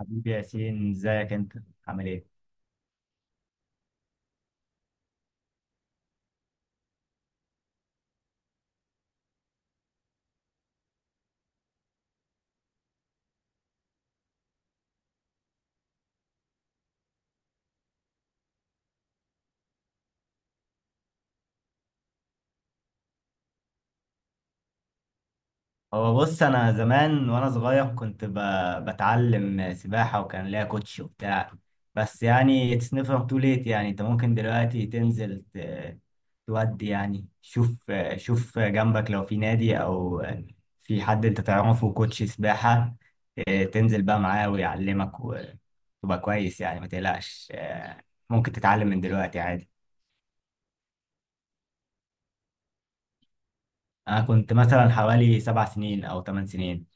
حبيبي ياسين، ازيك انت؟ عامل ايه؟ هو بص، انا زمان وانا صغير كنت بتعلم سباحه وكان ليا كوتش وبتاع. بس يعني اتس نيفر تو ليت. يعني انت ممكن دلوقتي تنزل تودي. يعني شوف، شوف جنبك لو في نادي او في حد انت تعرفه كوتش سباحه. اه، تنزل بقى معاه ويعلمك وتبقى كويس. يعني ما تقلقش، ممكن تتعلم من دلوقتي عادي. انا كنت مثلا حوالي 7 سنين او 8 سنين.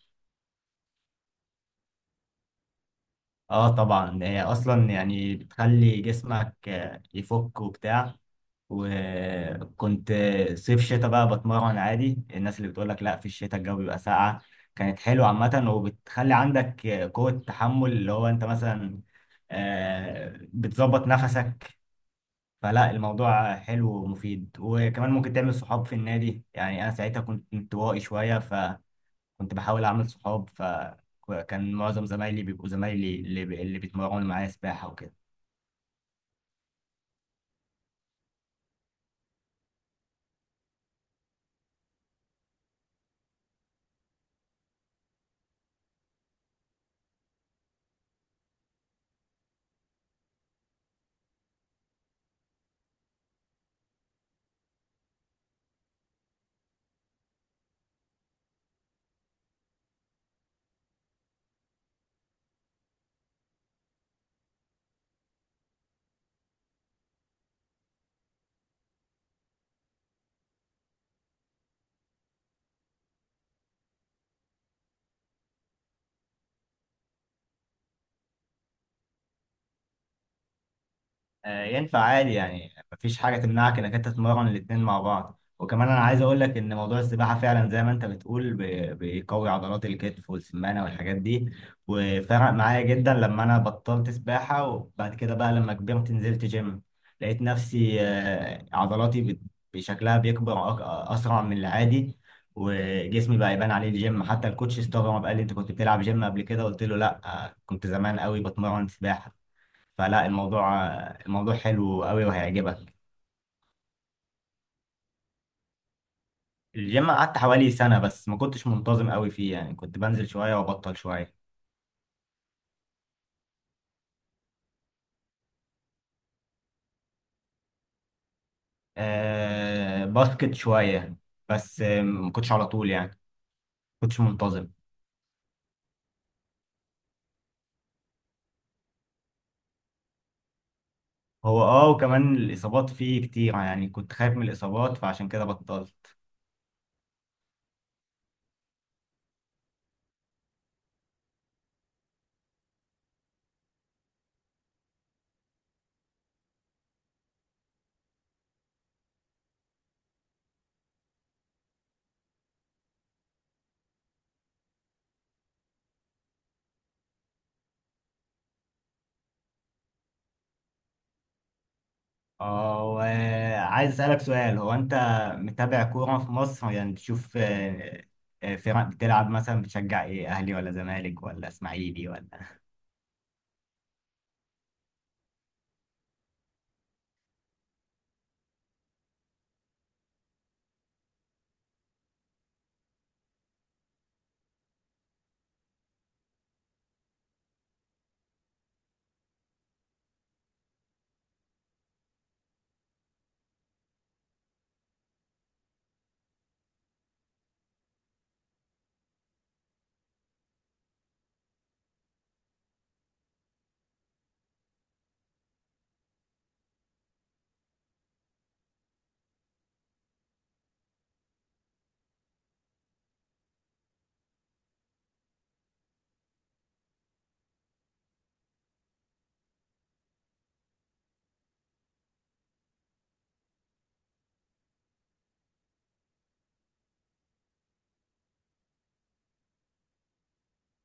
اه طبعا، هي اصلا يعني بتخلي جسمك يفك وبتاع. وكنت صيف شتاء بقى بتمرن عادي. الناس اللي بتقولك لا في الشتاء الجو بيبقى ساقع، كانت حلوة عامة. وبتخلي عندك قوة تحمل، اللي هو انت مثلا بتظبط نفسك. فلا، الموضوع حلو ومفيد، وكمان ممكن تعمل صحاب في النادي. يعني انا ساعتها كنت انطوائي شوية، كنت بحاول اعمل صحاب. فكان معظم زمايلي بيبقوا زمايلي اللي بيتمرنوا معايا سباحة وكده. ينفع عادي. يعني مفيش حاجة تمنعك إنك أنت تتمرن الاتنين مع بعض. وكمان أنا عايز أقول لك إن موضوع السباحة فعلا زي ما أنت بتقول بيقوي عضلات الكتف والسمانة والحاجات دي. وفرق معايا جدا لما أنا بطلت سباحة. وبعد كده بقى لما كبرت نزلت جيم، لقيت نفسي بشكلها بيكبر أسرع من العادي. وجسمي بقى يبان عليه الجيم. حتى الكوتش استغرب، قال لي أنت كنت بتلعب جيم قبل كده؟ قلت له لأ، كنت زمان قوي بتمرن سباحة. فلا، الموضوع حلو قوي وهيعجبك. الجيم قعدت حوالي سنة، بس ما كنتش منتظم قوي فيه. يعني كنت بنزل شوية وبطل شوية. باسكت شوية. بس ما كنتش على طول، يعني ما كنتش منتظم. هو وكمان الإصابات فيه كتير. يعني كنت خايف من الإصابات، فعشان كده بطلت. اه، وعايز أسألك سؤال. هو أنت متابع كورة في مصر؟ يعني تشوف فرق بتلعب مثلا، بتشجع إيه؟ أهلي ولا زمالك ولا إسماعيلي ولا؟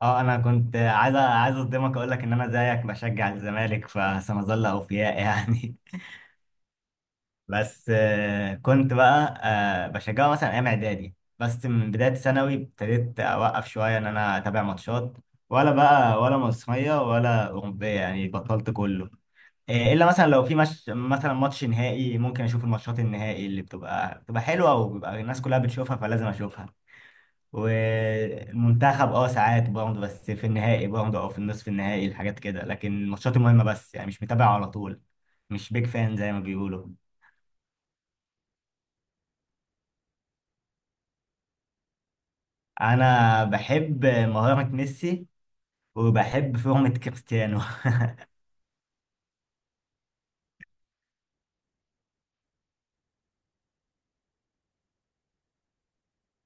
اه، انا كنت عايز اصدمك، اقول لك ان انا زيك بشجع الزمالك، فسنظل اوفياء يعني. بس كنت بقى بشجعه مثلا ايام اعدادي. بس من بدايه ثانوي ابتديت اوقف شويه ان انا اتابع ماتشات. ولا بقى ولا مصريه ولا اوروبيه، يعني بطلت كله. الا مثلا لو في مش مثلا ماتش نهائي، ممكن اشوف الماتشات النهائي اللي بتبقى حلوه، وبيبقى الناس كلها بتشوفها فلازم اشوفها. والمنتخب ساعات برضه، بس في النهائي برضه او في النصف النهائي الحاجات كده. لكن الماتشات المهمة بس، يعني مش متابع على طول. مش بيج فان زي ما بيقولوا. انا بحب مهارة ميسي، وبحب فورمة كريستيانو.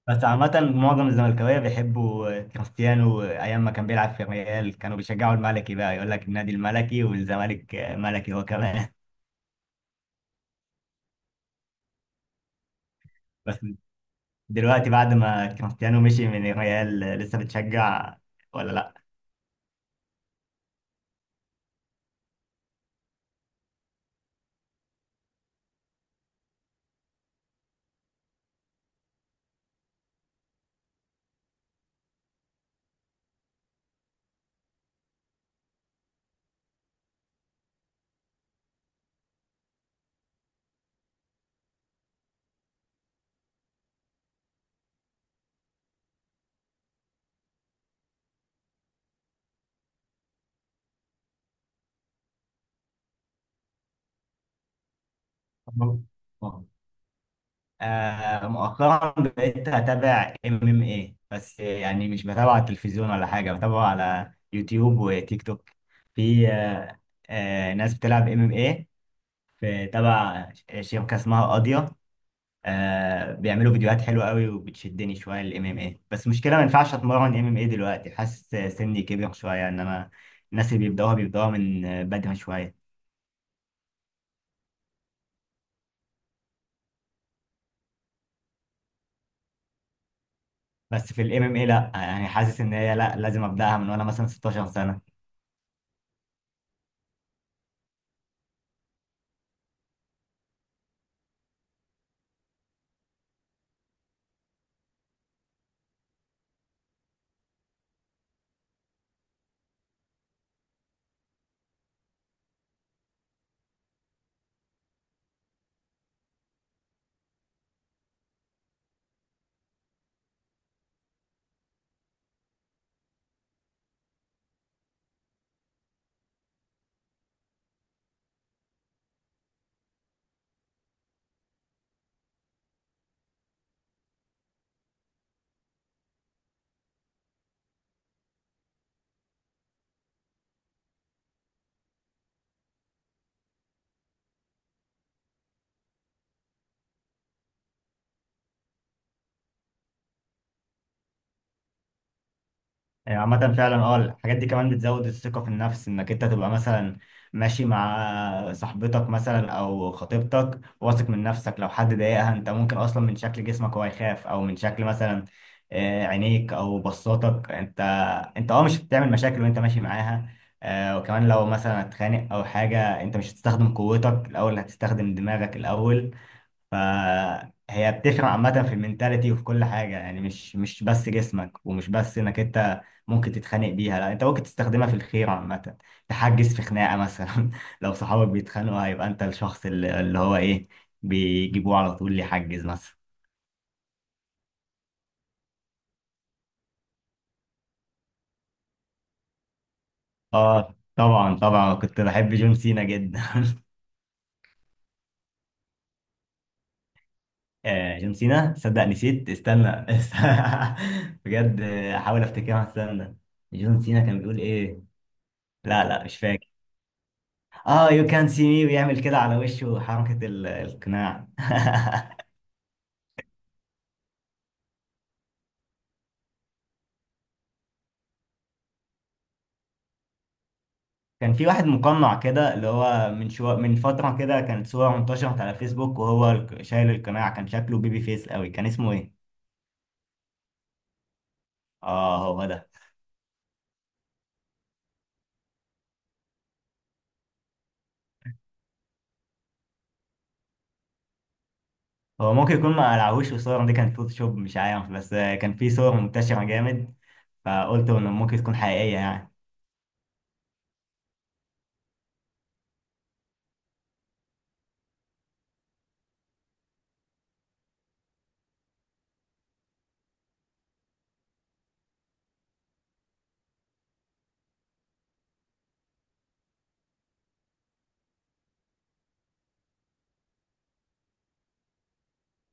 بس عامة معظم الزملكاوية بيحبوا كريستيانو. أيام ما كان بيلعب في الريال كانوا بيشجعوا الملكي، بقى يقول لك النادي الملكي والزمالك ملكي هو كمان. بس دلوقتي بعد ما كريستيانو مشي من الريال، لسه بتشجع ولا لأ؟ مؤخرا بقيت اتابع ام ام اي. بس يعني مش بتابع على التلفزيون ولا حاجه، بتابعه على يوتيوب وتيك توك. في ناس بتلعب ام ام اي. في تبع شبكه اسمها قاضيه، بيعملوا فيديوهات حلوه قوي، وبتشدني شويه الام ام اي. بس مشكله، ما ينفعش اتمرن ام ام اي دلوقتي. حاسس سني كبر شويه، ان انا الناس اللي بيبداوها، بيبداوها من بدري شويه. بس في الام ام اي لا، يعني حاسس ان هي لا، لازم ابداها من وانا مثلا 16 سنه. يعني عامة فعلا الحاجات دي كمان بتزود الثقة في النفس. انك انت تبقى مثلا ماشي مع صاحبتك مثلا او خطيبتك واثق من نفسك، لو حد ضايقها انت ممكن اصلا من شكل جسمك هو يخاف، او من شكل مثلا عينيك او بصاتك. انت مش هتعمل مشاكل وانت ماشي معاها. وكمان لو مثلا هتخانق او حاجة، انت مش هتستخدم قوتك الاول، هتستخدم دماغك الاول. فهي بتفرق عامة في المنتاليتي وفي كل حاجة. يعني مش بس جسمك، ومش بس انك انت ممكن تتخانق بيها، لا، انت ممكن تستخدمها في الخير عامة. تحجز في خناقة مثلا. لو صحابك بيتخانقوا، هيبقى انت الشخص اللي هو ايه، بيجيبوه على طول يحجز مثلا. اه، طبعا طبعا كنت بحب جون سينا جدا. جون سينا، صدق نسيت، استنى. بجد احاول افتكرها، استنى. جون سينا كان بيقول ايه؟ لا، لا، مش فاكر. اه، يو كان سي مي، ويعمل كده على وشه حركة القناع. كان في واحد مقنع كده، اللي هو من شو، من فترة كده كانت صورة انتشرت على فيسبوك وهو شايل القناع، كان شكله بيبي فيس قوي. كان اسمه ايه؟ اه، هو ده. هو ممكن يكون ما قلعهوش والصور دي كانت فوتوشوب، مش عارف. بس كان في صور منتشرة جامد، فقلت انه ممكن تكون حقيقية يعني.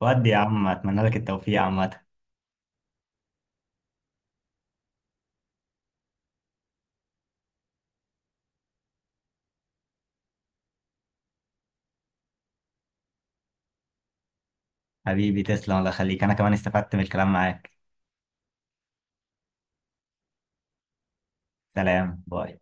ودي يا عم، اتمنى لك التوفيق عامة. حبيبي تسلم، الله يخليك. انا كمان استفدت من الكلام معاك. سلام، باي.